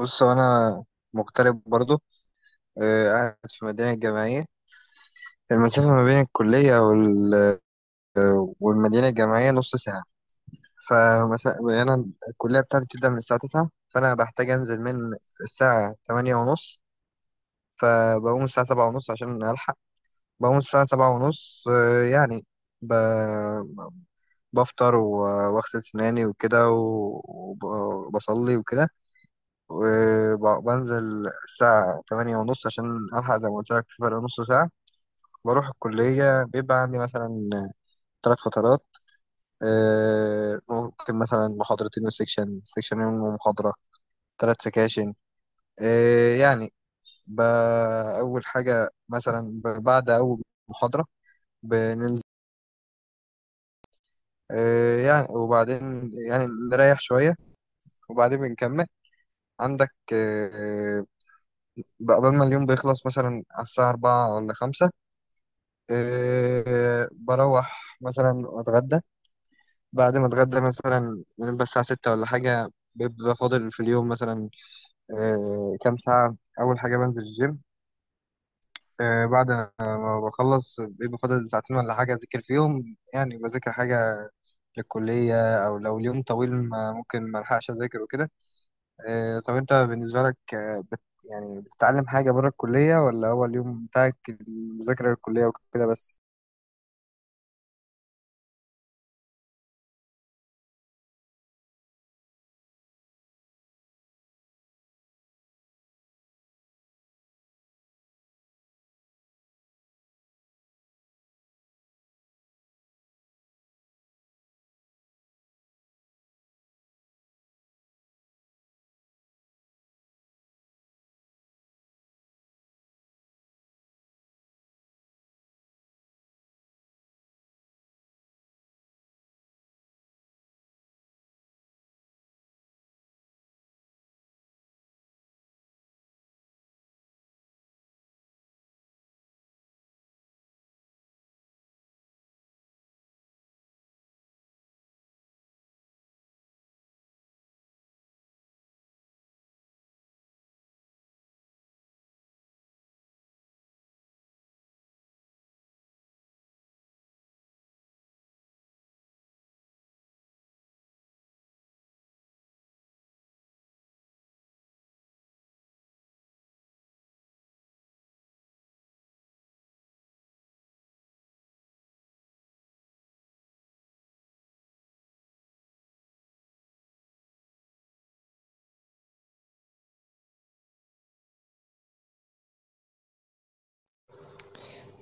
بص هو انا مغترب برضو. قاعد في مدينة جامعية. المسافة ما بين الكلية والمدينة الجامعية نص ساعة. فمثلا أنا الكلية بتاعتي بتبدأ من الساعة 9، فأنا بحتاج أنزل من الساعة 8:30. فبقوم الساعة 7:30 عشان ألحق. بقوم الساعة 7:30، يعني ب... بفطر وأغسل سناني وكده، وبصلي وكده. وبنزل الساعة 8:30 عشان ألحق، زي ما قلت لك في فرق نص ساعة. بروح الكلية بيبقى عندي مثلا 3 فترات. ممكن مثلا محاضرتين وسيكشن سيكشنين ومحاضرة، 3 سكاشن. يعني ب- أول حاجة مثلا بعد أول محاضرة بننزل. يعني وبعدين يعني نريح شوية، وبعدين بنكمل عندك. بقى قبل ما اليوم بيخلص مثلا على الساعة 4 ولا 5، إيه، بروح مثلا اتغدى. بعد ما اتغدى مثلا بنبقى الساعة 6 ولا حاجة، بيبقى فاضل في اليوم مثلا إيه كام ساعة. أول حاجة بنزل الجيم. إيه، بعد ما بخلص بيبقى فاضل ساعتين ولا حاجة أذاكر فيهم، يعني بذاكر حاجة للكلية، أو لو اليوم طويل ما ممكن ما ألحقش أذاكر وكده. إيه، طب أنت بالنسبة لك، آه، بت يعني بتتعلم حاجة بره الكلية، ولا هو اليوم بتاعك المذاكرة للكلية وكده بس؟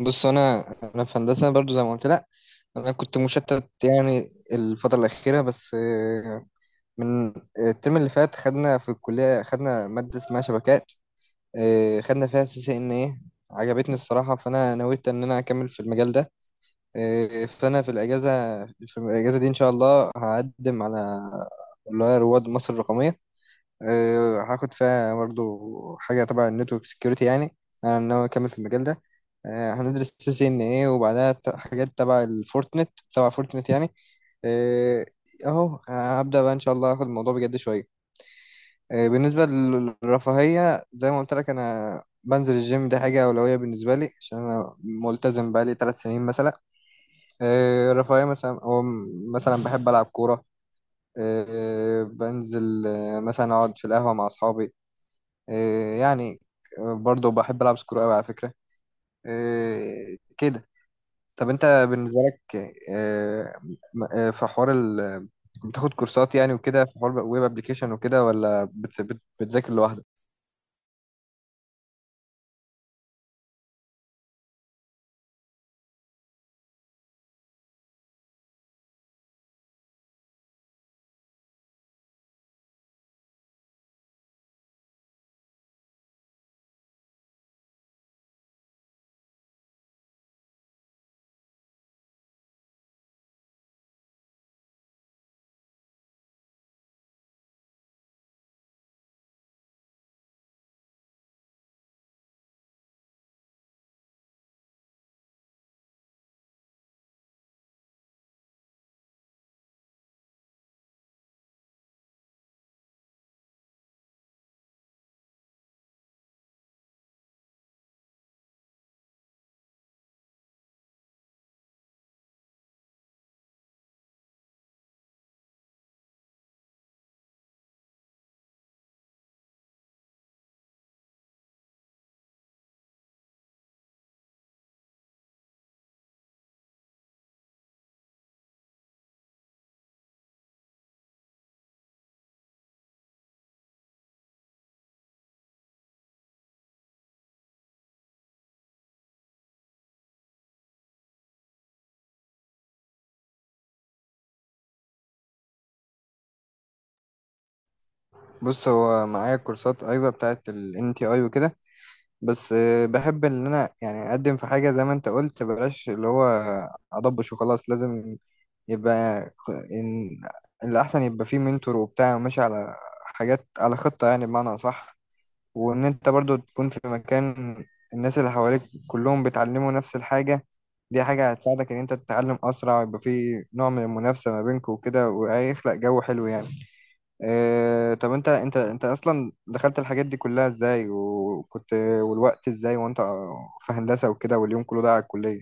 بص انا انا في هندسه برضو زي ما قلت لك. انا كنت مشتت يعني الفتره الاخيره بس. من الترم اللي فات خدنا في الكليه، خدنا ماده اسمها شبكات. خدنا فيها CCNA. عجبتني الصراحه، فانا نويت ان انا اكمل في المجال ده. فانا في الاجازه دي ان شاء الله هقدم على اللي هي رواد مصر الرقميه. هاخد فيها برضو حاجة تبع النتورك سكيورتي يعني. أنا ناوي أكمل في المجال ده. هندرس CCNA، وبعدها حاجات تبع فورتنت يعني. آه، أهو هبدأ بقى إن شاء الله آخد الموضوع بجد شوية. بالنسبة للرفاهية، زي ما قلت لك أنا بنزل الجيم، دي حاجة أولوية بالنسبة لي عشان أنا ملتزم بقالي 3 سنين مثلا. الرفاهية مثلا، أو مثلا بحب ألعب كورة. بنزل، مثلا أقعد في القهوة مع أصحابي. إيه يعني. برضه بحب ألعب سكرو أوي على فكرة. إيه كده. طب أنت بالنسبة لك إيه؟ في حوار بتاخد كورسات يعني وكده، في حوار ويب ابلكيشن وكده، ولا بت بت بتذاكر لوحدك؟ بص هو معايا كورسات، ايوه، بتاعت ال NTI وكده. بس بحب ان انا يعني اقدم في حاجه زي ما انت قلت، بلاش اللي هو اضبش وخلاص. لازم يبقى إن الأحسن يبقى فيه منتور وبتاع، وماشي على حاجات على خطة يعني، بمعنى أصح. وان انت برضو تكون في مكان الناس اللي حواليك كلهم بيتعلموا نفس الحاجة. دي حاجة هتساعدك ان انت تتعلم اسرع، ويبقى في نوع من المنافسة ما بينكم وكده، وهيخلق جو حلو يعني. اه، طب انت اصلا دخلت الحاجات دي كلها ازاي؟ وكنت، والوقت ازاي وانت في هندسة وكده، واليوم كله ده على الكلية.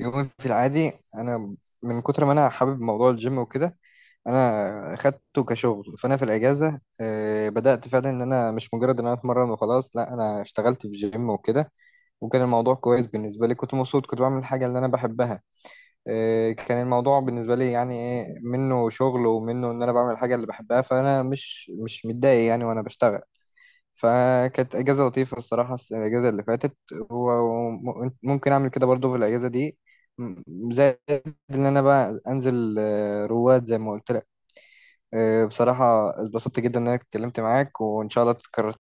يومي في العادي انا، من كتر ما انا حابب موضوع الجيم وكده، انا اخدته كشغل. فانا في الاجازه بدات فعلا ان انا مش مجرد ان انا اتمرن وخلاص، لا انا اشتغلت في جيم وكده. وكان الموضوع كويس بالنسبه لي، كنت مبسوط، كنت بعمل الحاجه اللي انا بحبها. كان الموضوع بالنسبه لي يعني ايه، منه شغل ومنه ان انا بعمل الحاجه اللي بحبها، فانا مش متضايق يعني وانا بشتغل. فكانت اجازه لطيفه الصراحه، الاجازه اللي فاتت. وممكن اعمل كده برضو في الاجازه دي، زائد ان انا بقى انزل رواد زي ما قلت. بصراحة اتبسطت جدا إن أنا اتكلمت معاك، وإن شاء الله تتكرر.